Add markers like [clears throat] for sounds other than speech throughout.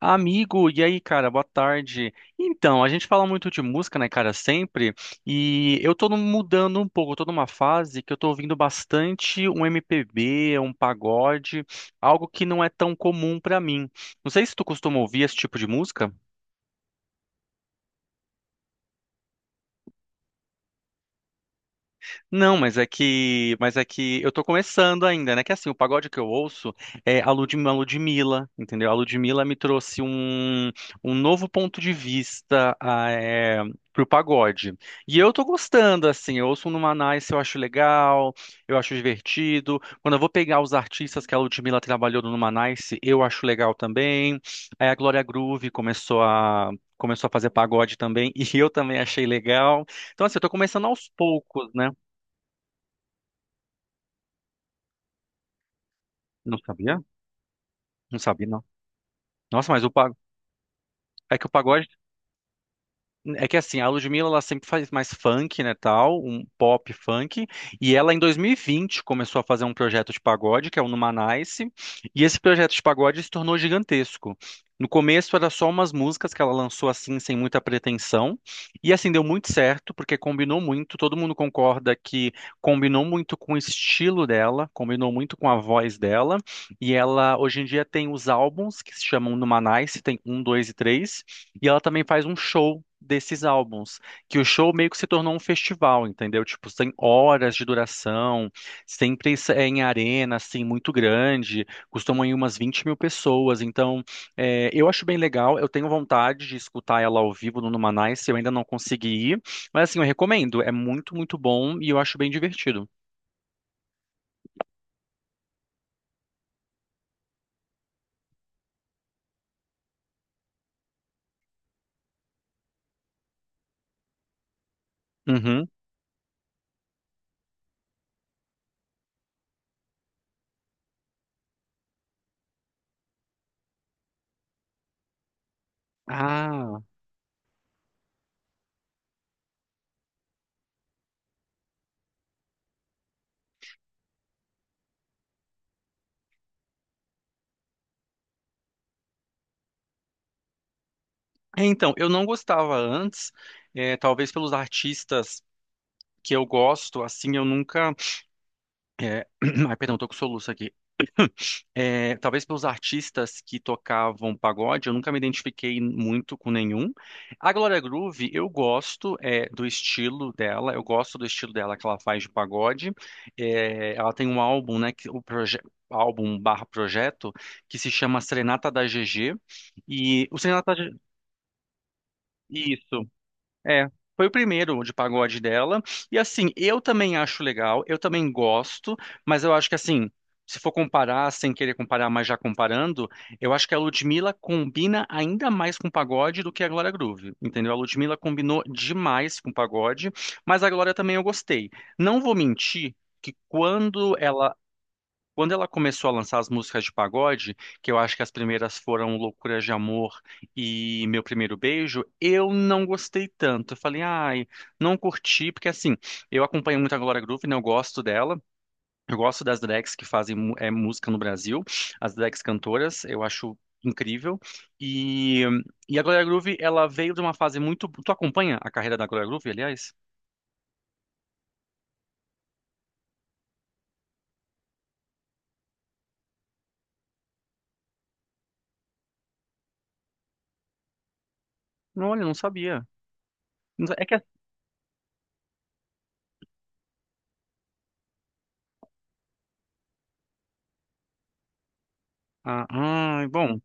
Amigo, e aí, cara, boa tarde. Então, a gente fala muito de música, né, cara, sempre, e eu tô mudando um pouco, eu tô numa fase que eu tô ouvindo bastante um MPB, um pagode, algo que não é tão comum pra mim. Não sei se tu costuma ouvir esse tipo de música. Não, mas é que eu tô começando ainda, né? Que assim, o pagode que eu ouço é a a Ludmilla, entendeu? A Ludmilla me trouxe um novo ponto de vista pro pagode. E eu tô gostando, assim, eu ouço um Numa Nice, eu acho legal, eu acho divertido. Quando eu vou pegar os artistas que a Ludmilla trabalhou no Numa Nice, eu acho legal também. Aí a Glória Groove Começou a fazer pagode também, [laughs] e eu também achei legal. Então, assim, eu tô começando aos poucos, né? Não sabia? Não sabia, não. Nossa, mas o pagode. É que o pagode É que assim, a Ludmilla ela sempre faz mais funk, né, tal, um pop funk, e ela em 2020 começou a fazer um projeto de pagode, que é o Numanice, e esse projeto de pagode se tornou gigantesco. No começo era só umas músicas que ela lançou assim, sem muita pretensão, e assim deu muito certo, porque combinou muito, todo mundo concorda que combinou muito com o estilo dela, combinou muito com a voz dela, e ela hoje em dia tem os álbuns que se chamam Numanice, tem um, dois e três. E ela também faz um show desses álbuns, que o show meio que se tornou um festival, entendeu? Tipo, tem horas de duração, sempre isso é em arena, assim, muito grande, costumam ir umas 20 mil pessoas, então é, eu acho bem legal, eu tenho vontade de escutar ela ao vivo no Numanice, eu ainda não consegui ir, mas assim, eu recomendo, é muito, muito bom e eu acho bem divertido. Uhum. Ah, é, então, eu não gostava antes, é, talvez pelos artistas que eu gosto, assim, eu nunca é, [clears throat] ai, perdão, tô com soluço aqui. É, talvez pelos artistas que tocavam pagode, eu nunca me identifiquei muito com nenhum. A Glória Groove, eu gosto é, do estilo dela, eu gosto do estilo dela que ela faz de pagode. É, ela tem um álbum, né, que, álbum barra projeto, que se chama Serenata da GG, e o Serenata da G- isso, é, foi o primeiro de pagode dela. E assim, eu também acho legal, eu também gosto, mas eu acho que assim, se for comparar, sem querer comparar, mas já comparando, eu acho que a Ludmilla combina ainda mais com pagode do que a Glória Groove, entendeu? A Ludmilla combinou demais com pagode, mas a Glória também eu gostei. Não vou mentir que quando ela começou a lançar as músicas de pagode, que eu acho que as primeiras foram Loucuras de Amor e Meu Primeiro Beijo, eu não gostei tanto. Eu falei, ai, não curti, porque assim, eu acompanho muito a Glória Groove, né? Eu gosto dela, eu gosto das drags que fazem música no Brasil, as drags cantoras, eu acho incrível. E, e a Glória Groove, ela veio de uma fase muito. Tu acompanha a carreira da Glória Groove, aliás? Olha, eu não sabia. Não sa- É que. A- Ah, ai, bom.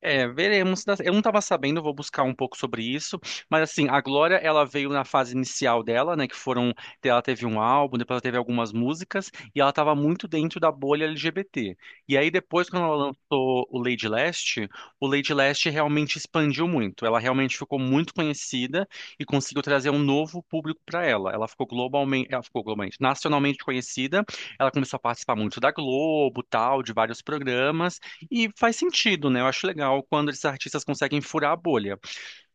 É, veremos, né? Eu não estava sabendo, vou buscar um pouco sobre isso. Mas assim, a Glória, ela veio na fase inicial dela, né? Que foram, ela teve um álbum, depois ela teve algumas músicas e ela estava muito dentro da bolha LGBT. E aí depois, quando ela lançou o Lady Leste realmente expandiu muito. Ela realmente ficou muito conhecida e conseguiu trazer um novo público para ela. Ela ficou globalmente, nacionalmente conhecida. Ela começou a participar muito da Globo, tal, de vários programas. E faz sentido, né? Eu acho legal quando esses artistas conseguem furar a bolha.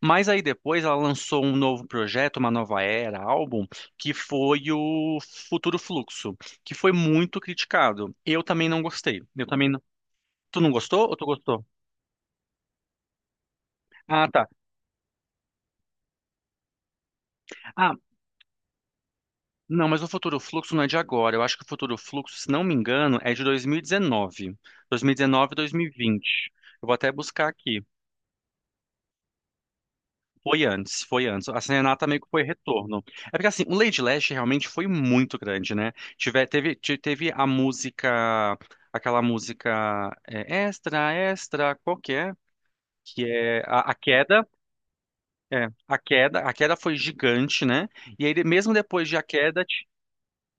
Mas aí depois ela lançou um novo projeto, uma nova era, álbum, que foi o Futuro Fluxo, que foi muito criticado. Eu também não gostei. Eu também não. Tu não gostou ou tu gostou? Ah, tá. Ah, não, mas o Futuro Fluxo não é de agora. Eu acho que o Futuro Fluxo, se não me engano, é de 2019. 2019, 2020. Eu vou até buscar aqui. Foi antes, foi antes. A Serenata meio que foi retorno. É porque assim, o Lady Lash realmente foi muito grande, né? Teve a música, aquela música é, extra, extra, qualquer, que é a queda. É, a queda foi gigante, né? E aí, mesmo depois de a queda,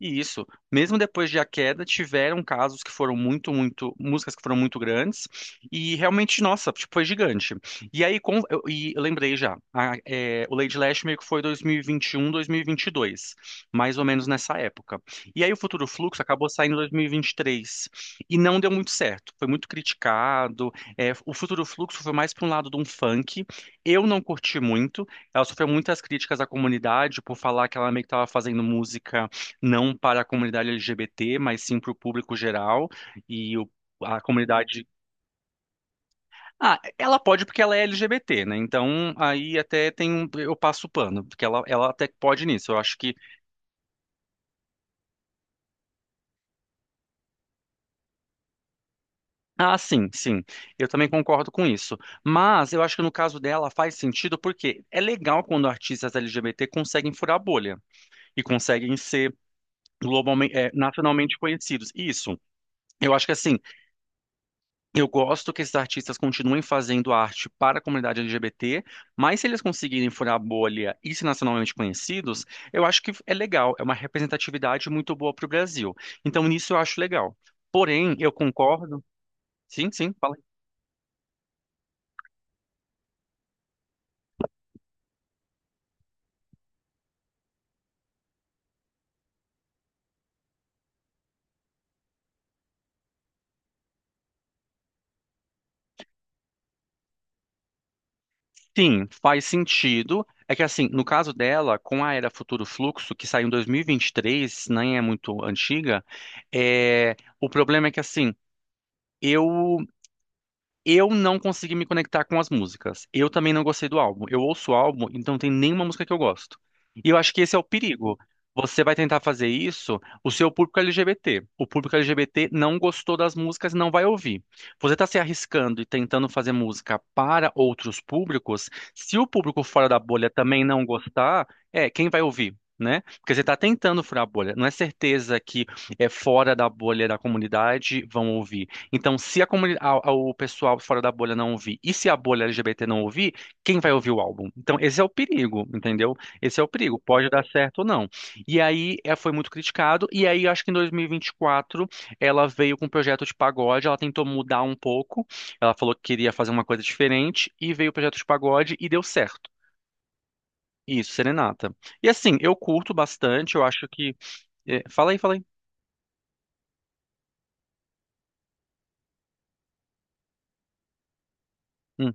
e isso, mesmo depois de A Queda, tiveram casos que foram muito, muito, músicas que foram muito grandes, e realmente, nossa, tipo, foi gigante. E aí, com, eu, e eu lembrei já, o Lady Leste meio que foi 2021, 2022, mais ou menos nessa época. E aí o Futuro Fluxo acabou saindo em 2023, e 23, e não deu muito certo, foi muito criticado, é, o Futuro Fluxo foi mais para um lado de um funk, eu não curti muito, ela sofreu muitas críticas à comunidade por falar que ela meio que estava fazendo música não para a comunidade LGBT, mas sim para o público geral e a comunidade. Ah, ela pode porque ela é LGBT, né? Então aí até tem um, eu passo o pano, porque ela até pode nisso. Eu acho que sim, sim. Eu também concordo com isso. Mas eu acho que no caso dela faz sentido porque é legal quando artistas LGBT conseguem furar a bolha e conseguem ser globalmente, nacionalmente conhecidos. Isso. Eu acho que assim, eu gosto que esses artistas continuem fazendo arte para a comunidade LGBT, mas se eles conseguirem furar a bolha e ser nacionalmente conhecidos, eu acho que é legal, é uma representatividade muito boa para o Brasil. Então, nisso eu acho legal. Porém, eu concordo. Sim, sim, fala. Sim, faz sentido. É que assim, no caso dela, com a Era Futuro Fluxo, que saiu em 2023, nem é muito antiga, o problema é que assim, eu Eu não consegui me conectar com as músicas. Eu também não gostei do álbum. Eu ouço o álbum, então não tem nenhuma música que eu gosto. E eu acho que esse é o perigo. Você vai tentar fazer isso, o seu público é LGBT. O público LGBT não gostou das músicas e não vai ouvir. Você está se arriscando e tentando fazer música para outros públicos. Se o público fora da bolha também não gostar, é, quem vai ouvir? Né? Porque você está tentando furar a bolha. Não é certeza que é fora da bolha da comunidade vão ouvir. Então, se a comuni- a- o pessoal fora da bolha não ouvir, e se a bolha LGBT não ouvir, quem vai ouvir o álbum? Então, esse é o perigo, entendeu? Esse é o perigo, pode dar certo ou não. E aí, é, foi muito criticado, e aí, acho que em 2024, ela veio com um projeto de pagode, ela tentou mudar um pouco, ela falou que queria fazer uma coisa diferente, e veio o projeto de pagode, e deu certo. Isso, Serenata. E assim, eu curto bastante, eu acho que... é, fala aí, fala aí. Hum,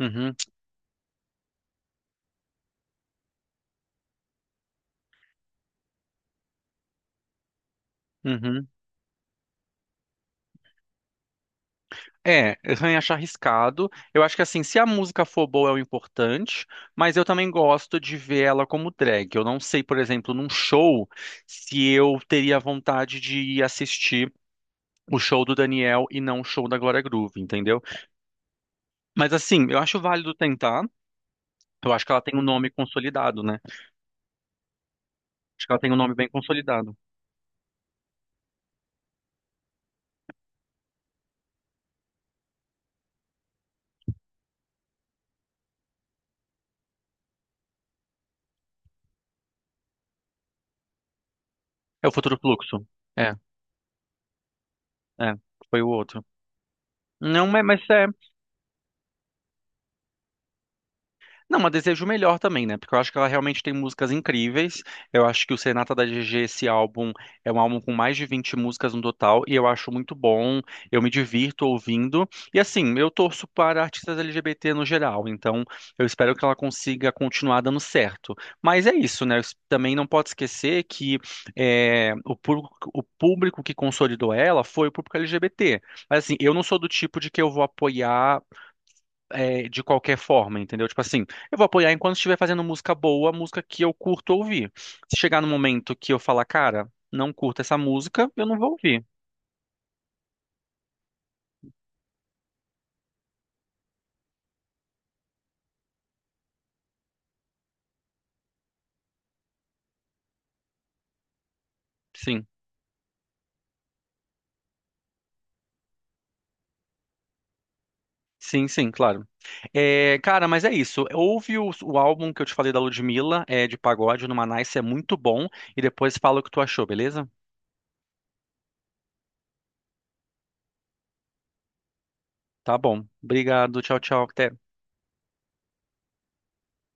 uhum, uhum. É, eu acho arriscado. Eu acho que assim, se a música for boa é o importante, mas eu também gosto de ver ela como drag. Eu não sei, por exemplo, num show, se eu teria vontade de ir assistir o show do Daniel e não o show da Glória Groove, entendeu? Mas assim, eu acho válido tentar. Eu acho que ela tem um nome consolidado, né? Acho que ela tem um nome bem consolidado. É o Futuro Fluxo. É, é, foi o outro. Não, mas é. Não, mas desejo o melhor também, né? Porque eu acho que ela realmente tem músicas incríveis. Eu acho que o Serenata da GG, esse álbum, é um álbum com mais de 20 músicas no total, e eu acho muito bom. Eu me divirto ouvindo. E assim, eu torço para artistas LGBT no geral, então eu espero que ela consiga continuar dando certo. Mas é isso, né? Também não pode esquecer que é, o público que consolidou ela foi o público LGBT. Mas assim, eu não sou do tipo de que eu vou apoiar é, de qualquer forma, entendeu? Tipo assim, eu vou apoiar enquanto estiver fazendo música boa, música que eu curto ouvir. Se chegar no momento que eu falar, cara, não curto essa música, eu não vou ouvir. Sim, sim, sim, claro. É, cara, mas é isso. Ouve o álbum que eu te falei da Ludmilla, é de pagode, no Nice, é muito bom. E depois fala o que tu achou, beleza? Tá bom. Obrigado, tchau, tchau. Até.